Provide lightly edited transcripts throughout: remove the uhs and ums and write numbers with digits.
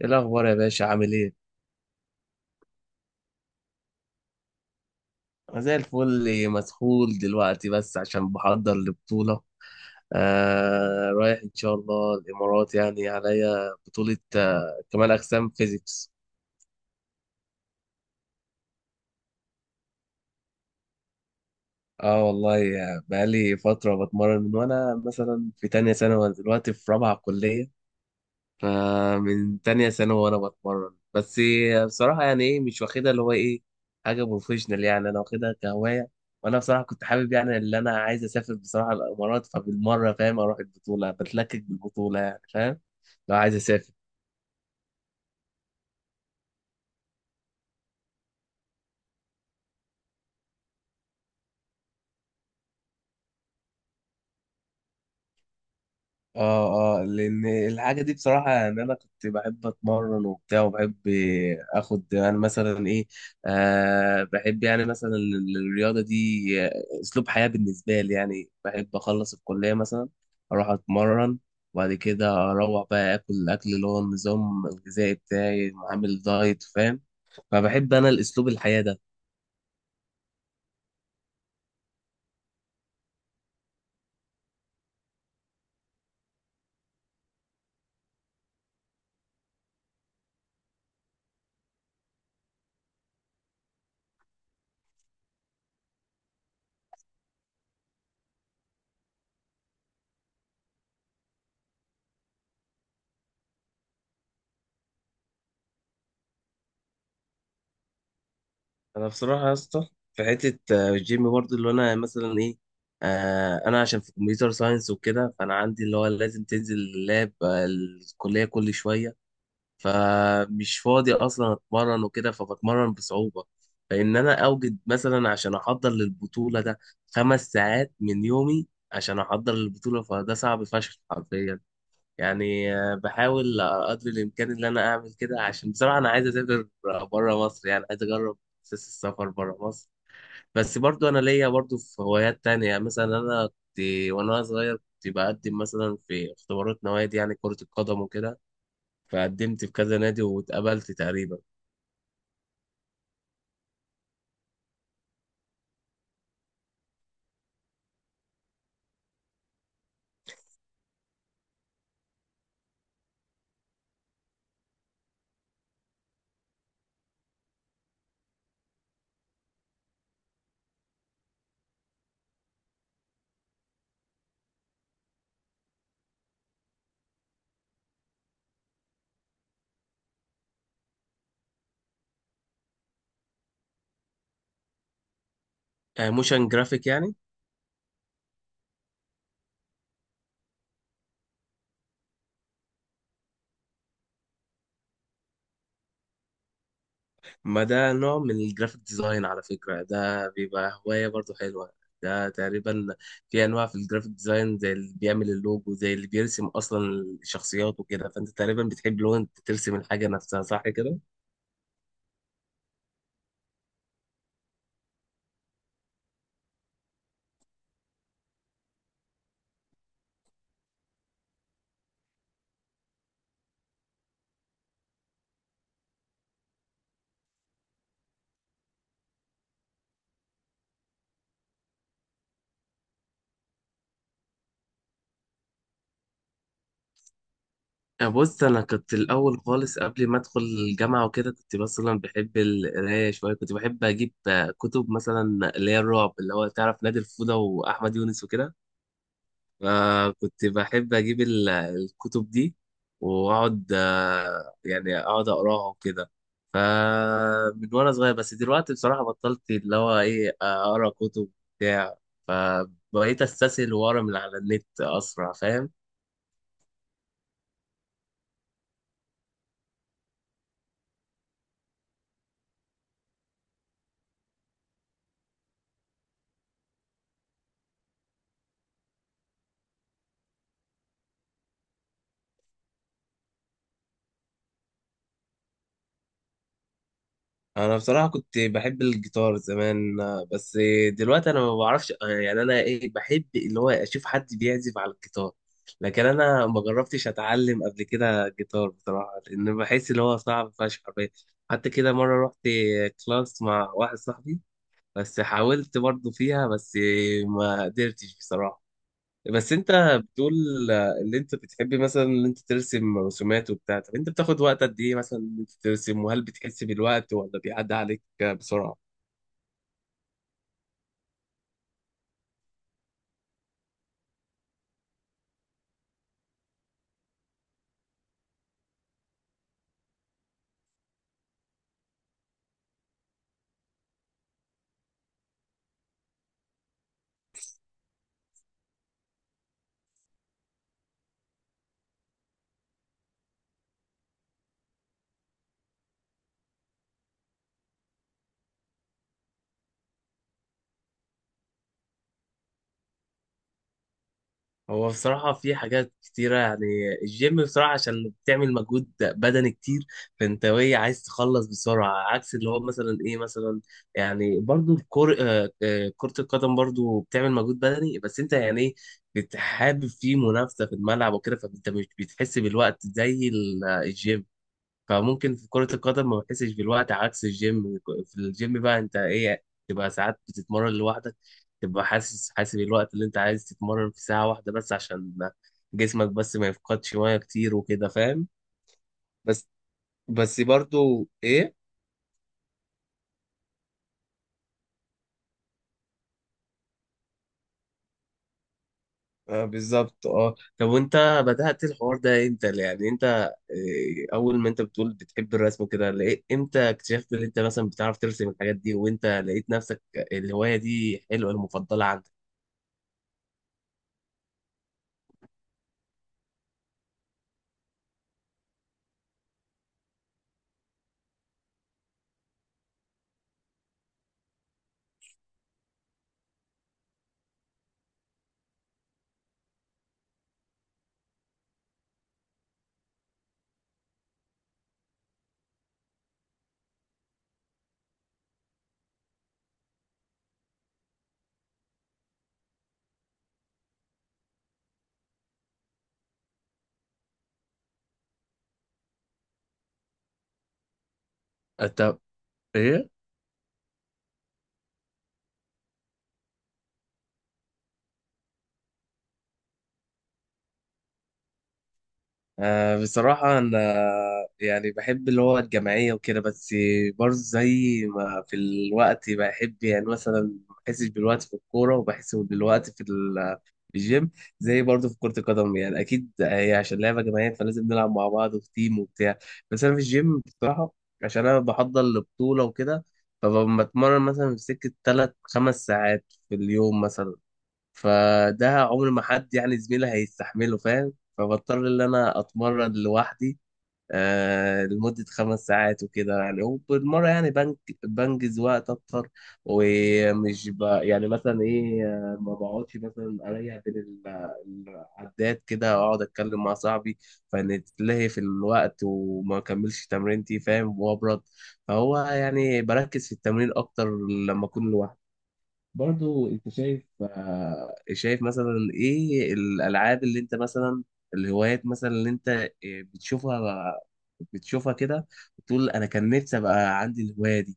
ايه الاخبار يا باشا عامل ايه؟ انا زي الفل مسحول دلوقتي بس عشان بحضر لبطوله. آه رايح ان شاء الله الامارات، يعني عليا بطوله كمال اجسام فيزيكس. اه والله، بقالي فتره بتمرن من وانا مثلا في تانية ثانوي، دلوقتي في رابعه كليه. فمن تانية ثانوي وانا بتمرن. بس بصراحة، يعني ايه، مش واخدها اللي هو ايه، حاجة بروفيشنال. يعني انا واخدها كهواية. وانا بصراحة كنت حابب، يعني اللي انا عايز اسافر بصراحة الامارات، فبالمرة فاهم اروح البطولة بتلكك بالبطولة، يعني فاهم، لو عايز اسافر. اه اه، لان الحاجه دي بصراحه ان انا كنت بحب اتمرن وبتاع، وبحب اخد يعني مثلا ايه، آه بحب يعني مثلا الرياضه دي، اسلوب حياه بالنسبه لي. يعني بحب اخلص الكليه مثلا، اروح اتمرن، وبعد كده اروح بقى اكل الاكل اللي هو النظام الغذائي بتاعي، عامل دايت فاهم. فبحب انا الاسلوب الحياه ده. انا بصراحه يا اسطى في حته الجيم برضه اللي انا مثلا ايه، آه انا عشان في كمبيوتر ساينس وكده، فانا عندي اللي هو لازم تنزل اللاب الكليه كل شويه، فمش فاضي اصلا اتمرن وكده، فبتمرن بصعوبه. فان انا اوجد مثلا عشان احضر للبطوله ده 5 ساعات من يومي عشان احضر للبطوله، فده صعب فشخ حرفيا. يعني بحاول قدر الامكان ان انا اعمل كده، عشان بصراحه انا عايز اسافر بره مصر. يعني عايز اجرب احساس السفر بره مصر. بس برضو انا ليا برضو في هوايات تانية. يعني مثلا انا كنت وانا صغير كنت بقدم مثلا في اختبارات نوادي، يعني كرة القدم وكده، فقدمت في كذا نادي واتقبلت تقريبا. موشن جرافيك يعني. ما ده نوع من الجرافيك ديزاين على فكرة، ده بيبقى هواية برضو حلوة. ده تقريبا في أنواع في الجرافيك ديزاين، زي اللي بيعمل اللوجو، زي اللي بيرسم أصلا الشخصيات وكده. فأنت تقريبا بتحب لو أنت ترسم الحاجة نفسها، صح كده؟ بص، أنا كنت الأول خالص قبل ما أدخل الجامعة وكده كنت مثلا بحب القراية شوية، كنت بحب أجيب كتب مثلا، اللي هي الرعب، اللي هو تعرف نادي الفودة وأحمد يونس وكده. فكنت بحب اجيب الكتب دي، واقعد يعني اقعد اقراها وكده، فمن وانا صغير. بس دلوقتي بصراحة بطلت اللي هو ايه اقرا كتب بتاع، فبقيت استسهل واقرا من على النت اسرع فاهم. انا بصراحه كنت بحب الجيتار زمان بس دلوقتي انا ما بعرفش. يعني انا ايه، بحب اللي هو اشوف حد بيعزف على الجيتار، لكن انا ما جربتش اتعلم قبل كده جيتار بصراحه، لان بحس اللي هو صعب فشخ حرفيا. حتى كده مره رحت كلاس مع واحد صاحبي، بس حاولت برضه فيها، بس ما قدرتش بصراحه. بس انت بتقول اللي انت بتحبي مثلا، اللي انت ترسم رسومات وبتاع، طب انت بتاخد وقت قد ايه مثلا ان انت ترسم، وهل بتحس بالوقت ولا بيعدي عليك بسرعة؟ هو بصراحة في حاجات كتيرة. يعني الجيم بصراحة عشان بتعمل مجهود بدني كتير، فانت وهي عايز تخلص بسرعة، عكس اللي هو مثلا ايه مثلا، يعني برضو الكر... آه، آه، كرة القدم برضو بتعمل مجهود بدني، بس انت يعني ايه بتحابب فيه منافسة في الملعب وكده، فانت مش بتحس بالوقت زي الجيم. فممكن في كرة القدم ما بحسش بالوقت عكس الجيم. في الجيم بقى انت ايه تبقى ساعات بتتمرن لوحدك، تبقى حاسب الوقت اللي انت عايز تتمرن في ساعة 1 بس، عشان جسمك بس ما يفقدش مية كتير وكده فاهم. بس بس برضو ايه، آه بالظبط. اه طب، وانت بدأت الحوار ده امتى؟ يعني انت إيه، اول ما انت بتقول بتحب الرسم وكده، لقيت امتى اكتشفت ان انت مثلا بتعرف ترسم الحاجات دي، وانت لقيت نفسك الهواية دي حلوة المفضلة عندك؟ طب ايه، آه بصراحة أنا يعني بحب اللي هو الجماعية وكده، بس برضه زي ما في الوقت، بحب يعني مثلا ما بحسش بالوقت في الكورة، وبحس بالوقت في في الجيم. زي برضه في كرة القدم، يعني أكيد هي عشان لعبة جماعية فلازم نلعب مع بعض وفي تيم وبتاع. بس أنا في الجيم بصراحة عشان أنا بحضر لبطولة وكده، فبتمرن مثلا في سكة 3 5 ساعات في اليوم مثلا، فده عمر ما حد يعني زميلي هيستحمله فاهم، فبضطر ان انا اتمرن لوحدي آه لمدة 5 ساعات وكده. يعني وبالمرة يعني بنجز وقت أكتر، ومش يعني مثلا إيه، ما بقعدش مثلا أريح بين العدات كده، أقعد أتكلم مع صاحبي فنتلهي في الوقت وما أكملش تمرينتي فاهم، وأبرد. فهو يعني بركز في التمرين أكتر لما أكون لوحدي. برضو انت شايف، شايف مثلا ايه الالعاب اللي انت مثلا، الهوايات مثلا اللي انت بتشوفها بتشوفها كده وتقول انا كان نفسي ابقى عندي الهوايه دي؟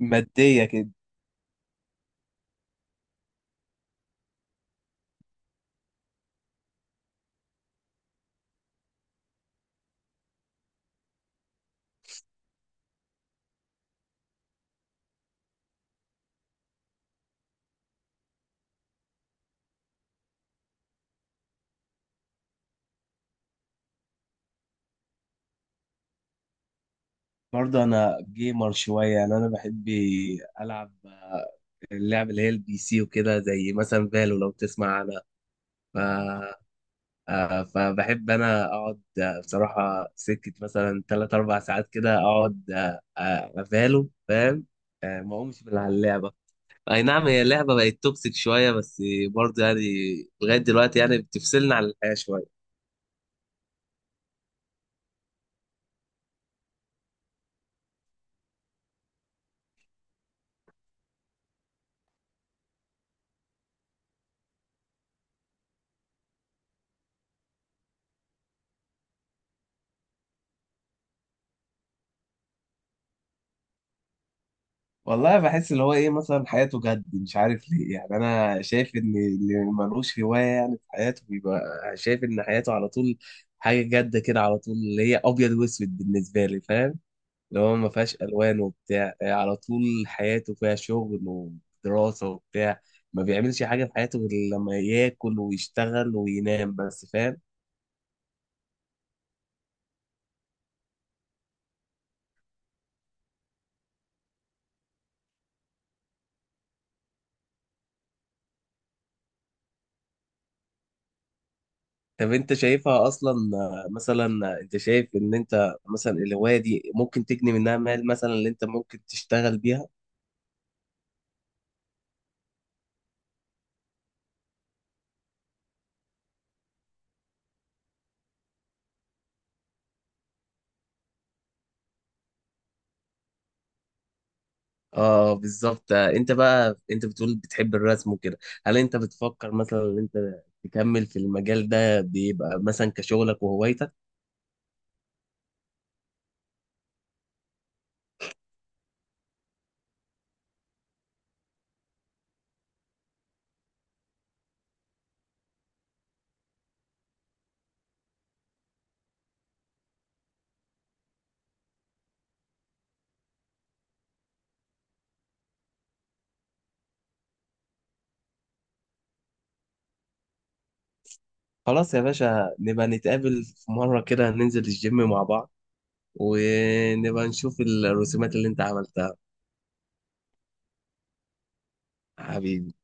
ماديه كده. برضو انا جيمر شويه، يعني انا بحب العب اللعب اللي هي البي سي وكده، زي مثلا فالو، لو تسمع عنها. فبحب انا اقعد، بصراحه سكه مثلا 3 4 ساعات كده اقعد افاله فاهم، ما اقومش من على اللعبه. اي نعم، هي اللعبه بقت توكسيك شويه، بس برضه يعني لغايه دلوقتي يعني بتفصلنا عن الحياه شويه. والله بحس اللي هو ايه مثلا، حياته جد مش عارف ليه. يعني انا شايف ان اللي ملوش هوايه يعني في حياته، بيبقى شايف ان حياته على طول حاجه جد كده، على طول اللي هي ابيض واسود بالنسبه لي فاهم، اللي هو ما فيهاش الوان وبتاع. على طول حياته فيها شغل ودراسه وبتاع، ما بيعملش حاجه في حياته غير لما ياكل ويشتغل وينام بس فاهم. طب انت شايفها اصلا آه، مثلا آه، انت شايف ان انت مثلا الهوايه دي ممكن تجني منها مال مثلا، اللي انت ممكن تشتغل بيها؟ اه بالظبط. انت بقى انت بتقول بتحب الرسم وكده، هل انت بتفكر مثلا ان انت تكمل في المجال ده بيبقى مثلا كشغلك وهوايتك؟ خلاص يا باشا، نبقى نتقابل في مرة كده ننزل الجيم مع بعض، ونبقى نشوف الرسومات اللي انت عملتها. حبيبي.